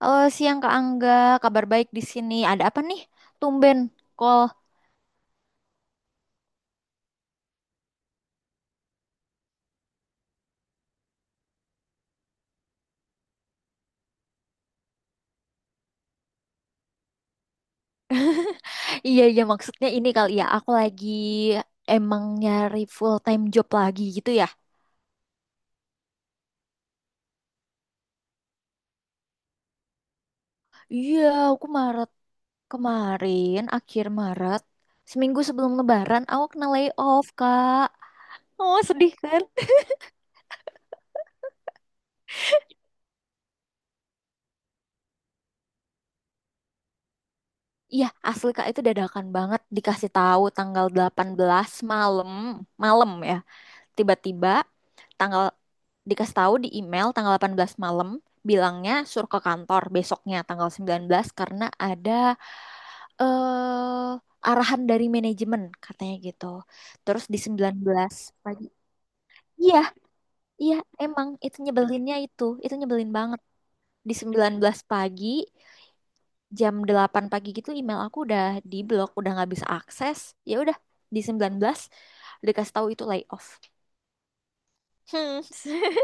Halo, siang Kak Angga, kabar baik di sini. Ada apa nih? Tumben call. Iya, iya maksudnya ini kali ya. Aku lagi emang nyari full time job lagi gitu ya. Iya, aku Maret kemarin, akhir Maret, seminggu sebelum Lebaran, aku kena layoff Kak. Oh, sedih kan? Iya, asli Kak itu dadakan banget dikasih tahu tanggal 18 malam, malam ya. Tiba-tiba tanggal dikasih tahu di email tanggal 18 malam, bilangnya suruh ke kantor besoknya tanggal 19 karena ada eh arahan dari manajemen katanya gitu. Terus di 19 pagi. Iya, iya emang itu nyebelinnya itu. Itu nyebelin banget. Di 19 pagi jam 8 pagi gitu email aku udah di blok, udah nggak bisa akses. Ya udah di 19 dikasih tahu itu layoff. Hmm.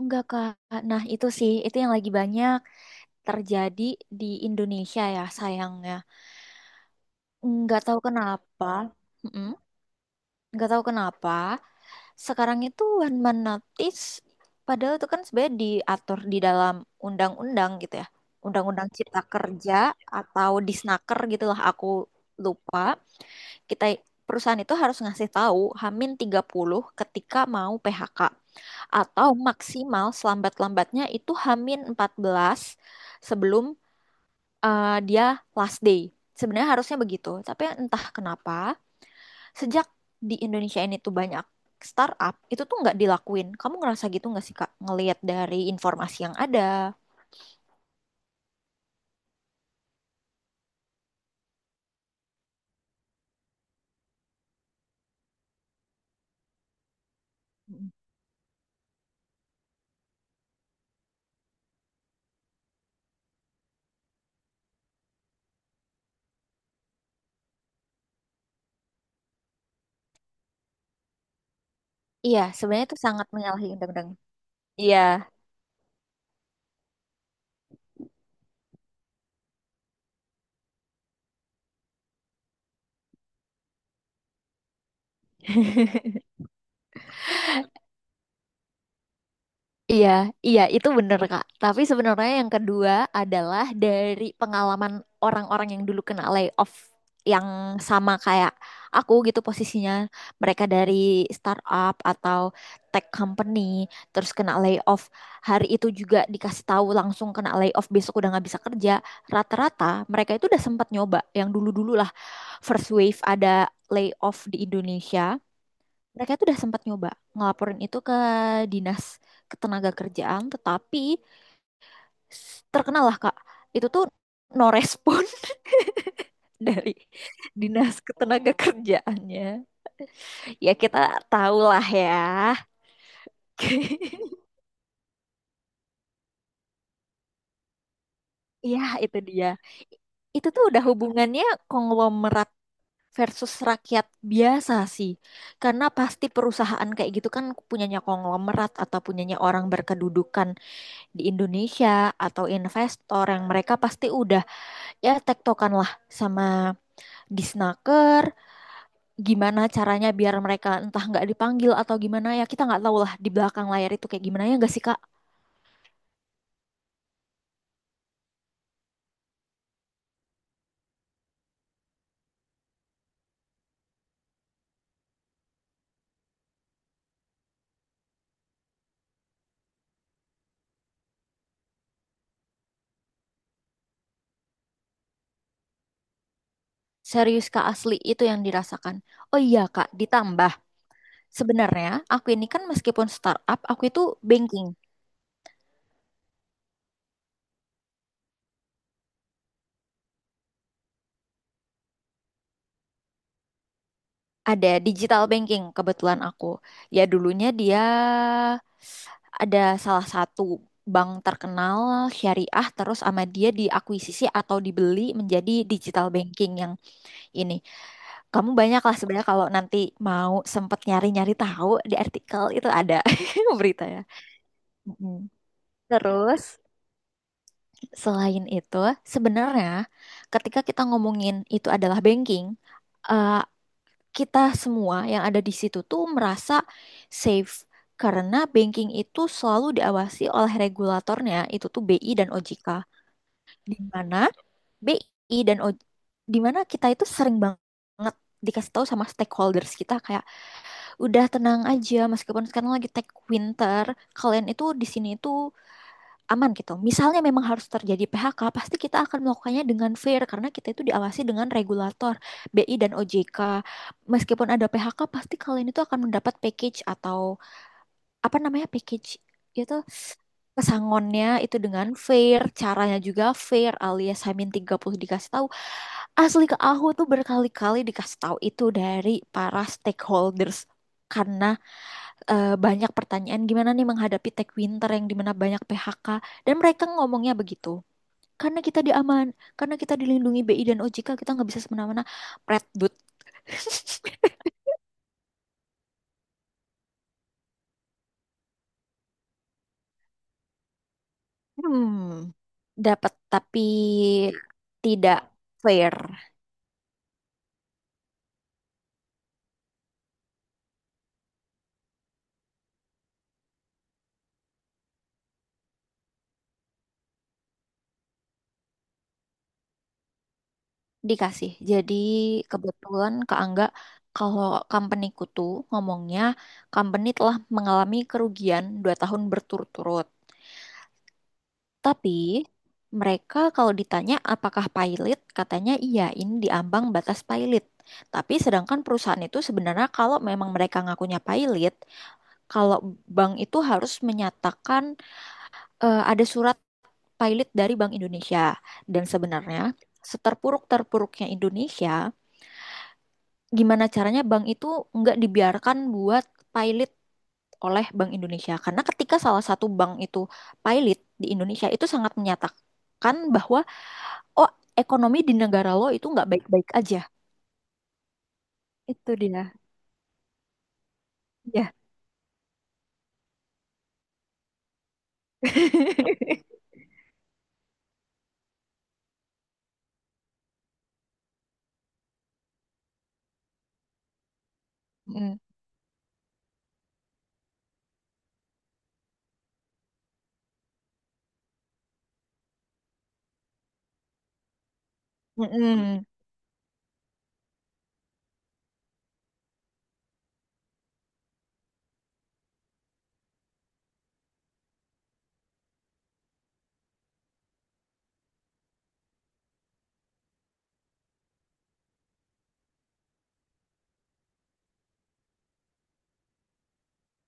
Enggak, Kak. Nah, itu sih, itu yang lagi banyak terjadi di Indonesia ya, sayangnya. Enggak tahu kenapa. Mm-mm. Enggak tahu kenapa. Sekarang itu one man notice, padahal itu kan sebenarnya diatur di dalam undang-undang gitu ya. Undang-undang Cipta Kerja atau Disnaker gitulah aku lupa. Kita perusahaan itu harus ngasih tahu Hamin 30 ketika mau PHK. Atau maksimal selambat-lambatnya itu Hamin 14 sebelum dia last day. Sebenarnya harusnya begitu, tapi entah kenapa sejak di Indonesia ini tuh banyak startup, itu tuh nggak dilakuin. Kamu ngerasa gitu nggak sih, Kak, ngelihat dari informasi yang ada? Mm. Iya, sebenarnya itu sangat menyalahi undang-undang. Iya. Iya, iya itu bener Kak. Tapi sebenarnya yang kedua adalah dari pengalaman orang-orang yang dulu kena layoff yang sama kayak aku gitu posisinya. Mereka dari startup atau tech company terus kena layoff. Hari itu juga dikasih tahu langsung kena layoff besok udah nggak bisa kerja. Rata-rata mereka itu udah sempat nyoba yang dulu-dulu lah. First wave ada layoff di Indonesia, mereka tuh udah sempat nyoba ngelaporin itu ke dinas ketenaga kerjaan, tetapi terkenal lah Kak itu tuh no respon. Dari dinas ketenaga kerjaannya ya kita tahu lah ya. Iya, itu dia, itu tuh udah hubungannya konglomerat versus rakyat biasa sih, karena pasti perusahaan kayak gitu kan punyanya konglomerat atau punyanya orang berkedudukan di Indonesia, atau investor yang mereka pasti udah ya tektokan lah sama disnaker, gimana caranya biar mereka entah nggak dipanggil atau gimana, ya kita nggak tahu lah di belakang layar itu kayak gimana, ya nggak sih Kak? Serius Kak, asli itu yang dirasakan. Oh iya Kak, ditambah sebenarnya aku ini kan meskipun startup, aku itu banking. Ada digital banking kebetulan aku, ya dulunya dia ada salah satu bank terkenal syariah terus sama dia diakuisisi atau dibeli menjadi digital banking yang ini. Kamu banyak lah sebenarnya kalau nanti mau sempet nyari-nyari tahu di artikel itu ada beritanya. Mm. Terus selain itu sebenarnya ketika kita ngomongin itu adalah banking, eh, kita semua yang ada di situ tuh merasa safe karena banking itu selalu diawasi oleh regulatornya itu tuh BI dan OJK, di mana BI dan O J di mana kita itu sering banget dikasih tahu sama stakeholders kita kayak udah tenang aja meskipun sekarang lagi tech winter, kalian itu di sini itu aman gitu. Misalnya memang harus terjadi PHK, pasti kita akan melakukannya dengan fair karena kita itu diawasi dengan regulator BI dan OJK. Meskipun ada PHK, pasti kalian itu akan mendapat package atau apa namanya package itu pesangonnya itu dengan fair, caranya juga fair alias Hamin 30 dikasih tahu. Asli ke aku tuh berkali-kali dikasih tahu itu dari para stakeholders karena banyak pertanyaan gimana nih menghadapi tech winter yang dimana banyak PHK, dan mereka ngomongnya begitu karena kita diaman, karena kita dilindungi BI dan OJK kita nggak bisa semena-mena Predbud. hmm Dapat tapi tidak fair. Dikasih jadi kebetulan Kak Angga, kalau companyku tuh ngomongnya company telah mengalami kerugian 2 tahun berturut-turut. Tapi mereka kalau ditanya apakah pilot, katanya iya, ini di ambang batas pilot. Tapi sedangkan perusahaan itu sebenarnya kalau memang mereka ngakunya pilot, kalau bank itu harus menyatakan ada surat pilot dari Bank Indonesia. Dan sebenarnya seterpuruk-terpuruknya Indonesia, gimana caranya bank itu nggak dibiarkan buat pilot oleh Bank Indonesia. Karena ketika salah satu bank itu pilot di Indonesia, itu sangat menyatakan bahwa oh ekonomi di negara lo itu nggak baik-baik aja. Itu dia ya. Mm. Mm-mm.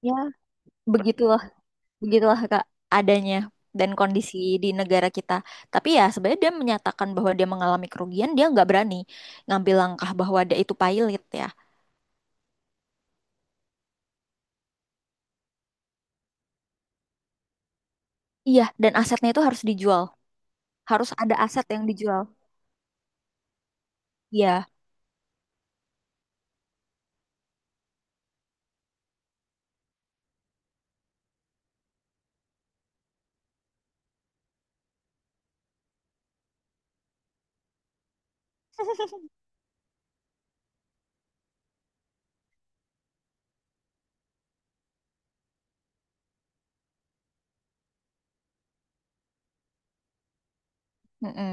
Ya begitulah, begitulah Kak adanya, dan kondisi di negara kita. Tapi ya sebenarnya dia menyatakan bahwa dia mengalami kerugian, dia nggak berani ngambil langkah bahwa dia itu pailit ya. Iya dan asetnya itu harus dijual, harus ada aset yang dijual. Iya. Mm-mm.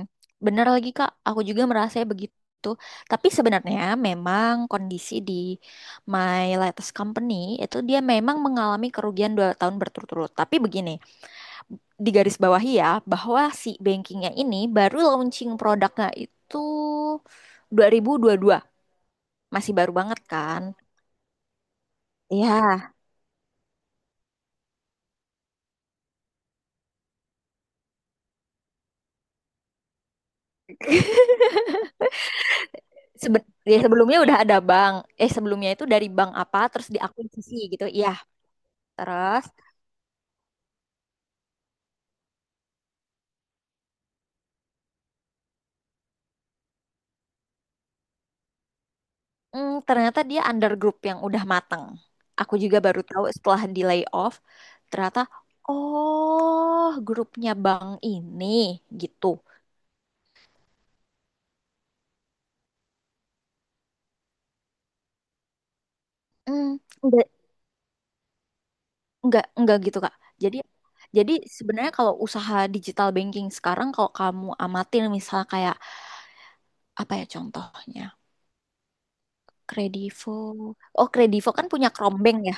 Bener lagi Kak, aku juga merasa begitu. Tapi sebenarnya memang kondisi di my latest company itu dia memang mengalami kerugian 2 tahun berturut-turut. Tapi begini, di garis bawahi ya, bahwa si bankingnya ini baru launching produknya itu 2022. Masih baru banget kan? Iya, sebe- ya sebelumnya udah ada bank. Eh, sebelumnya itu dari bank apa terus diakuisisi gitu. Iya, terus. Ternyata dia under group yang udah mateng. Aku juga baru tahu setelah di layoff, ternyata oh grupnya bank ini gitu. Hmm, enggak enggak gitu Kak. Jadi jadi sebenarnya kalau usaha digital banking sekarang, kalau kamu amatin misal kayak apa ya contohnya? Kredivo. Oh, Kredivo kan punya Krombank ya?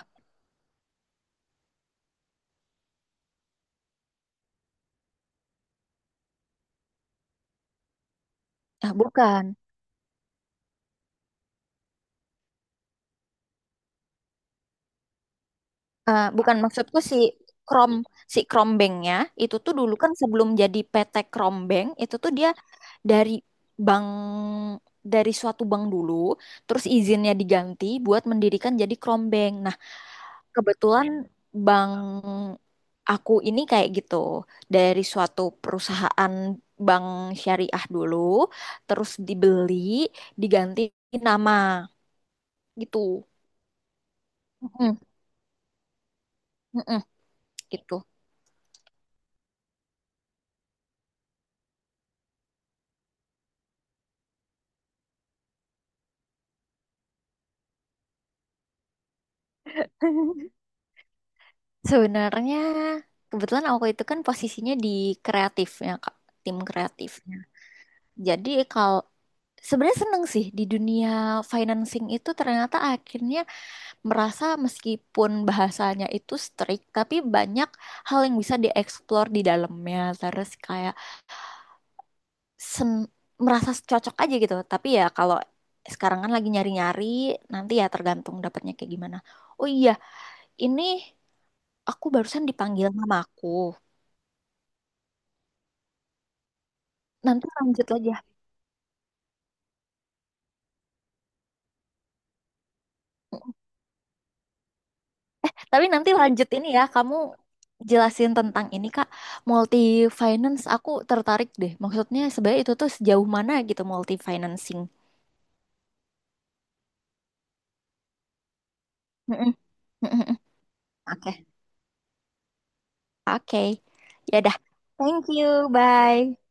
Nah, bukan. Eh, bukan maksudku si Krom Krombengnya itu tuh dulu kan sebelum jadi PT Krombeng itu tuh dia dari bank dari suatu bank dulu terus izinnya diganti buat mendirikan jadi Krombeng. Nah, kebetulan bank aku ini kayak gitu, dari suatu perusahaan bank syariah dulu terus dibeli, diganti nama gitu. Mm-mm, mm-mm, gitu. Sebenarnya kebetulan aku itu kan posisinya di kreatifnya Kak, tim kreatifnya. Jadi kalau sebenarnya seneng sih di dunia financing itu, ternyata akhirnya merasa meskipun bahasanya itu strict, tapi banyak hal yang bisa dieksplor di dalamnya. Terus kayak sen- merasa cocok aja gitu. Tapi ya kalau sekarang kan lagi nyari-nyari, nanti ya tergantung dapatnya kayak gimana. Oh iya, ini aku barusan dipanggil mamaku. Nanti lanjut lagi. Tapi nanti lanjut ini ya, kamu jelasin tentang ini Kak, multi finance aku tertarik deh. Maksudnya sebenarnya itu tuh sejauh mana gitu multi financing. Mm-mm. Mm-mm. Oke. Oke. Ya udah. Thank you. Bye.